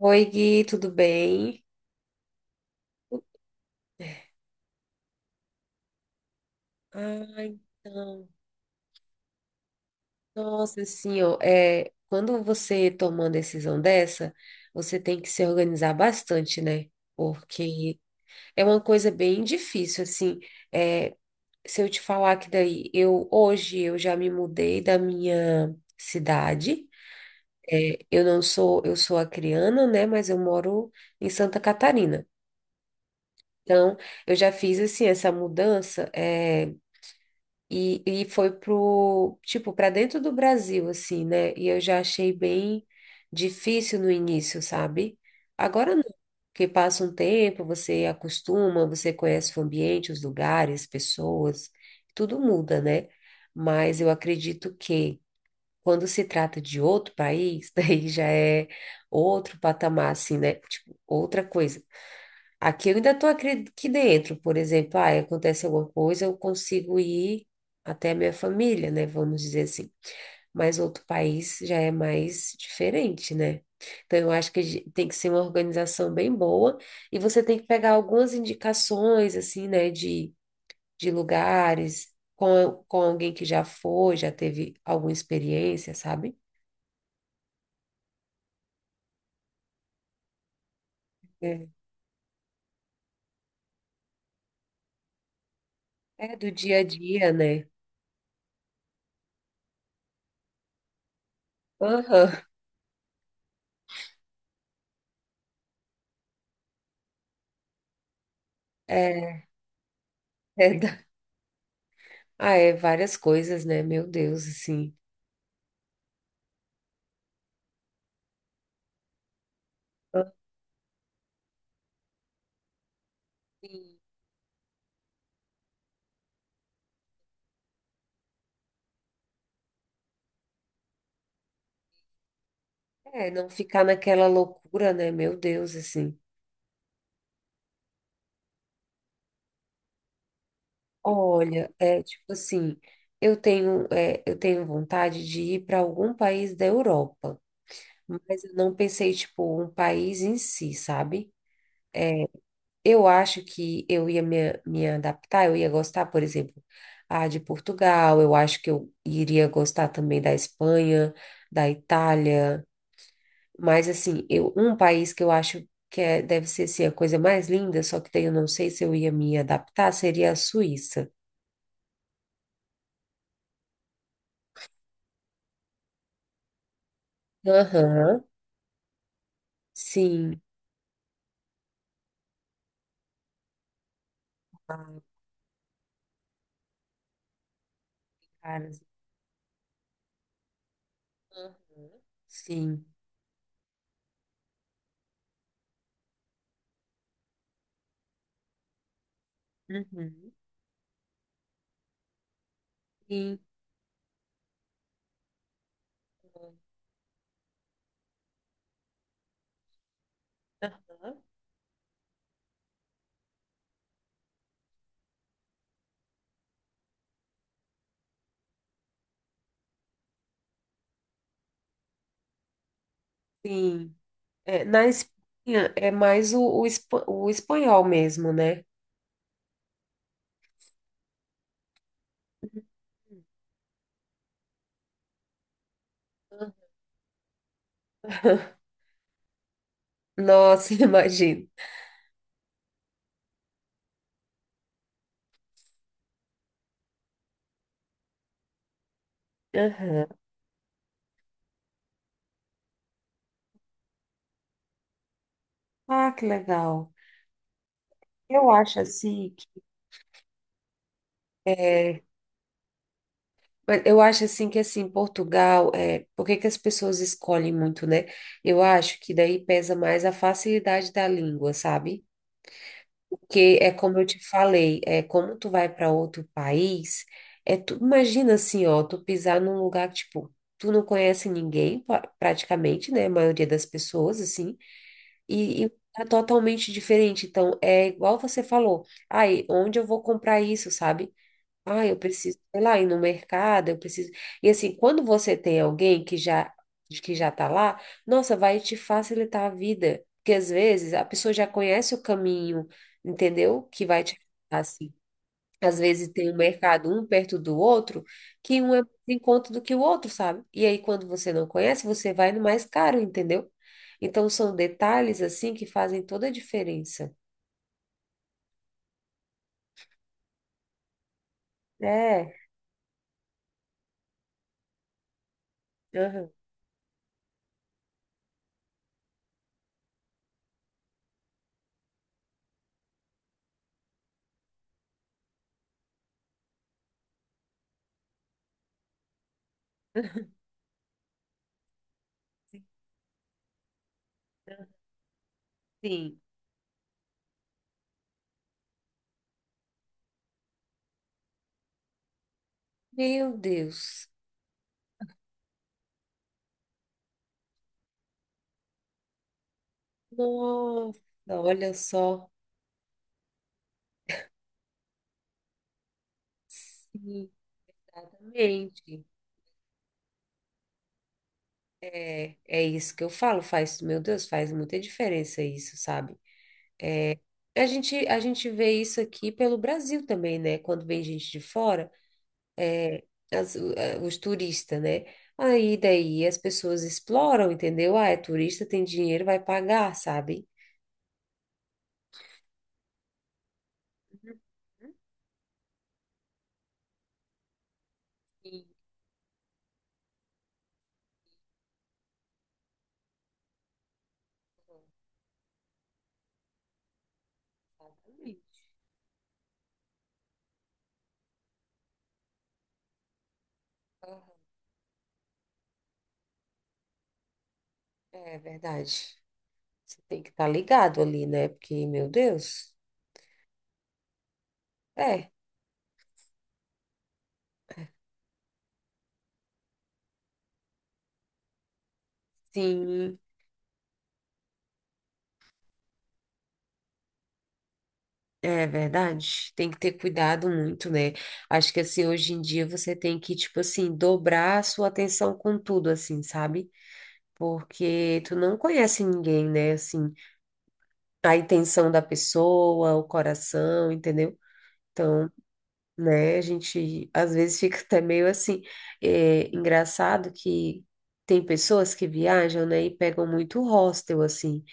Oi, Gui, tudo bem? Ah, então. Nossa, assim, ó, quando você toma uma decisão dessa, você tem que se organizar bastante, né? Porque é uma coisa bem difícil, assim. É, se eu te falar que daí, eu hoje eu já me mudei da minha cidade. Eu não sou, eu sou acriana, né? Mas eu moro em Santa Catarina. Então, eu já fiz assim essa mudança. E foi pro, tipo, para dentro do Brasil, assim, né? E eu já achei bem difícil no início, sabe? Agora não, porque passa um tempo, você acostuma, você conhece o ambiente, os lugares, pessoas, tudo muda, né? Mas eu acredito que quando se trata de outro país, daí já é outro patamar, assim, né? Tipo, outra coisa. Aqui eu ainda estou aqui dentro, por exemplo, ah, acontece alguma coisa, eu consigo ir até a minha família, né? Vamos dizer assim. Mas outro país já é mais diferente, né? Então eu acho que tem que ser uma organização bem boa e você tem que pegar algumas indicações, assim, né, de lugares com alguém que já foi, já teve alguma experiência, sabe? É, é do dia a dia, né? Aham. É, é, ah, é várias coisas, né? Meu Deus, assim. Assim, é, não ficar naquela loucura, né? Meu Deus, assim. Olha, é tipo assim, eu tenho vontade de ir para algum país da Europa, mas eu não pensei, tipo, um país em si, sabe? Eu acho que eu ia me adaptar, eu ia gostar, por exemplo, ah, de Portugal, eu acho que eu iria gostar também da Espanha, da Itália. Mas assim, eu, um país que eu acho que deve ser assim, a coisa mais linda, só que daí eu não sei se eu ia me adaptar, seria a Suíça. Aham, sim. Ah, cara. Aham, sim. Uhum. Sim. Aham, sim. É, na Espanha é mais o espanhol mesmo, né? Aham. Nossa, imagino. Aham. Ah, que legal. Eu acho assim que é, Mas eu acho assim que assim, Portugal, é, por que que as pessoas escolhem muito, né? Eu acho que daí pesa mais a facilidade da língua, sabe? Porque é como eu te falei, é como tu vai para outro país, é tu imagina assim, ó, tu pisar num lugar que, tipo, tu não conhece ninguém, praticamente, né? A maioria das pessoas, assim, e é totalmente diferente. Então, é igual você falou, aí, onde eu vou comprar isso, sabe? Ah, eu preciso, sei lá, ir no mercado, eu preciso. E assim, quando você tem alguém que já tá lá, nossa, vai te facilitar a vida, porque às vezes a pessoa já conhece o caminho, entendeu? Que vai te ajudar, assim. Às vezes tem um mercado um perto do outro, que um é mais em conta do que o outro, sabe? E aí quando você não conhece, você vai no mais caro, entendeu? Então são detalhes assim que fazem toda a diferença. É. Aham. Sim. Meu Deus. Nossa, olha só. Sim, exatamente. É, é isso que eu falo, faz, meu Deus, faz muita diferença isso, sabe? A gente vê isso aqui pelo Brasil também, né? Quando vem gente de fora, os turistas, né? Aí daí as pessoas exploram, entendeu? Ah, é turista, tem dinheiro, vai pagar, sabe? Uhum. Sim, exatamente. Aham. É verdade. Você tem que estar ligado ali, né? Porque, meu Deus. É, sim. É verdade, tem que ter cuidado muito, né? Acho que assim, hoje em dia você tem que, tipo assim, dobrar a sua atenção com tudo, assim, sabe? Porque tu não conhece ninguém, né? Assim, a intenção da pessoa, o coração, entendeu? Então, né, a gente às vezes fica até meio assim, é, engraçado que tem pessoas que viajam, né, e pegam muito hostel, assim.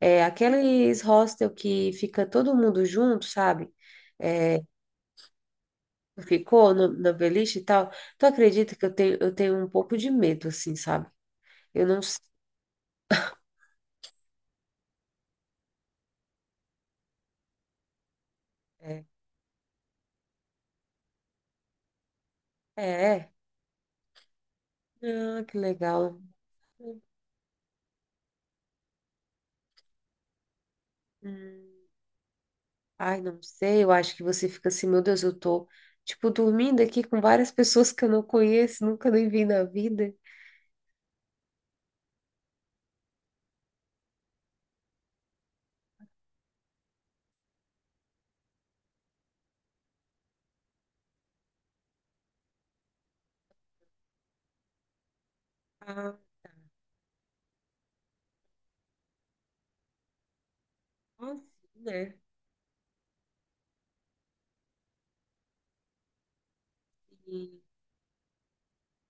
É, aqueles hostel que fica todo mundo junto, sabe? É, ficou na beliche e tal. Tu acredita que eu tenho um pouco de medo, assim, sabe? Eu não sei. É, é. Ah, que legal. Hum, ai, não sei, eu acho que você fica assim, meu Deus, eu tô, tipo, dormindo aqui com várias pessoas que eu não conheço, nunca nem vi na vida. Ah, assim, né?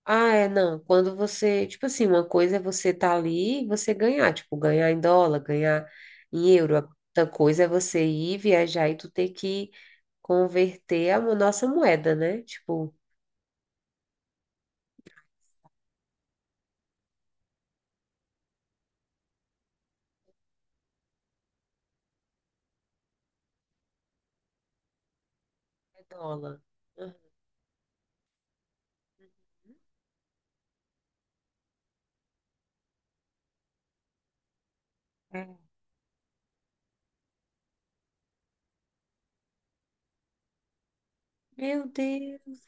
Ah, é, não. Quando você, tipo assim, uma coisa é você estar ali e você ganhar, tipo, ganhar em dólar, ganhar em euro. Outra coisa é você ir viajar e tu ter que converter nossa moeda, né? Tipo, é dólar. Aham. É. Meu Deus,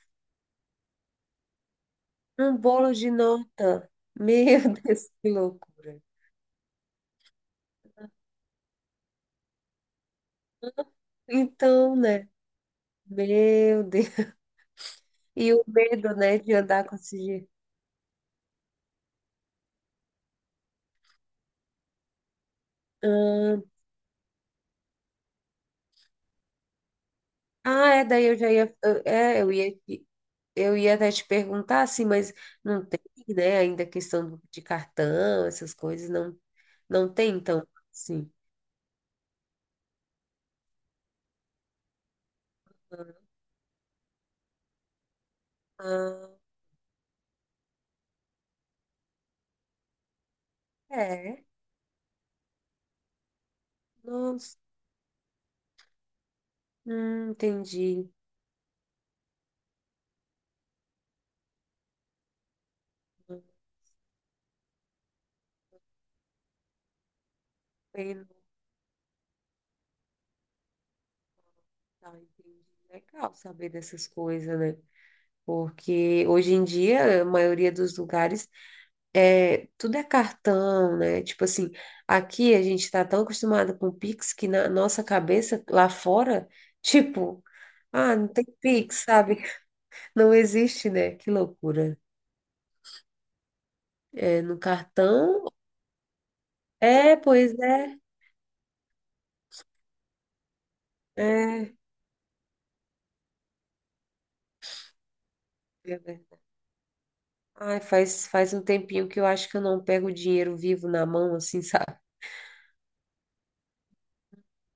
um bolo de nota. Meu Deus, que loucura. Então, né? Meu Deus. E o medo, né, de andar com esse dinheiro. Ah, ah, é, daí eu já ia. Eu- É, eu ia. Eu ia até te perguntar assim, mas não tem, né, ainda de cartão, essas coisas, não, não tem, então, sim. Ah, é, nossa, entendi. Bem, tá, entendi. Legal saber dessas coisas, né? Porque hoje em dia, a maioria dos lugares, é, tudo é cartão, né? Tipo assim, aqui a gente tá tão acostumado com Pix que na nossa cabeça, lá fora, tipo, ah, não tem Pix, sabe? Não existe, né? Que loucura. É, no cartão? É, pois é. É. Meu Deus. Ai, faz um tempinho que eu acho que eu não pego o dinheiro vivo na mão, assim, sabe?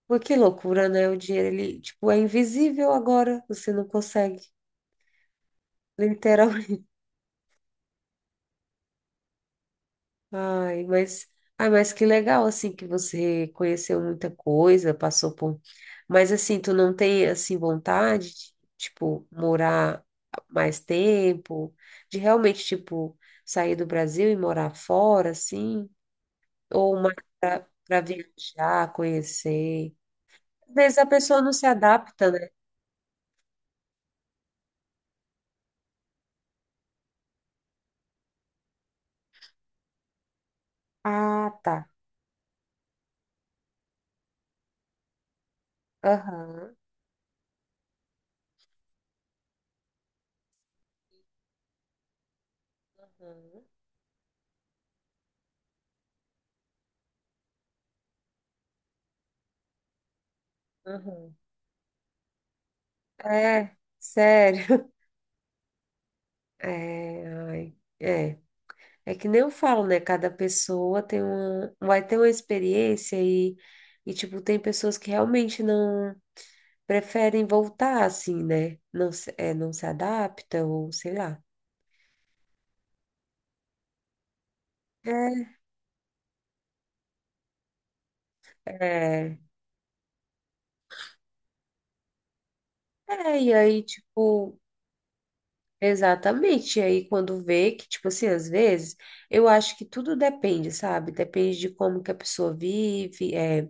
Pô, que loucura, né? O dinheiro, ele, tipo, é invisível agora. Você não consegue. Literal. Ai, mas, ai, mas que legal, assim, que você conheceu muita coisa, passou por... Mas, assim, tu não tem, assim, vontade de, tipo, morar mais tempo? De realmente, tipo, sair do Brasil e morar fora, assim? Ou mais pra viajar, conhecer? Às vezes a pessoa não se adapta, né? Ah, tá. Aham. Aham. Aham. É, sério. É, ai, é. É que nem eu falo, né? Cada pessoa tem uma, vai ter uma experiência e tipo, tem pessoas que realmente não preferem voltar assim, né? Não, não se adapta ou sei lá. É, é, e aí, tipo, exatamente. E aí, quando vê que, tipo assim, às vezes, eu acho que tudo depende, sabe? Depende de como que a pessoa vive, é,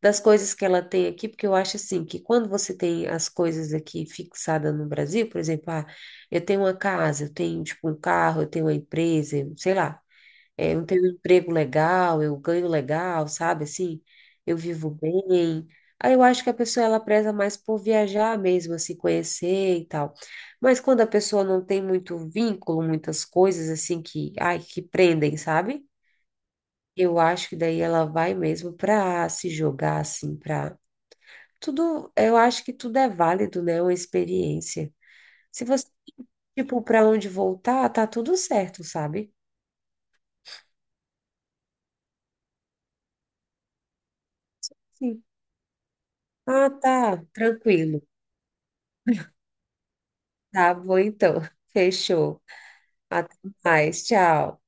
das coisas que ela tem aqui, porque eu acho assim que quando você tem as coisas aqui fixadas no Brasil, por exemplo, ah, eu tenho uma casa, eu tenho, tipo, um carro, eu tenho uma empresa, sei lá. É, eu tenho um emprego legal, eu ganho legal, sabe? Assim, eu vivo bem. Aí eu acho que a pessoa ela preza mais por viajar mesmo, assim, conhecer e tal. Mas quando a pessoa não tem muito vínculo, muitas coisas assim que, ai, que prendem, sabe? Eu acho que daí ela vai mesmo pra se jogar assim, pra tudo, eu acho que tudo é válido, né? Uma experiência. Se você, tipo, pra onde voltar, tá tudo certo, sabe? Sim. Ah, tá, tranquilo. Tá bom, então. Fechou. Até mais. Tchau.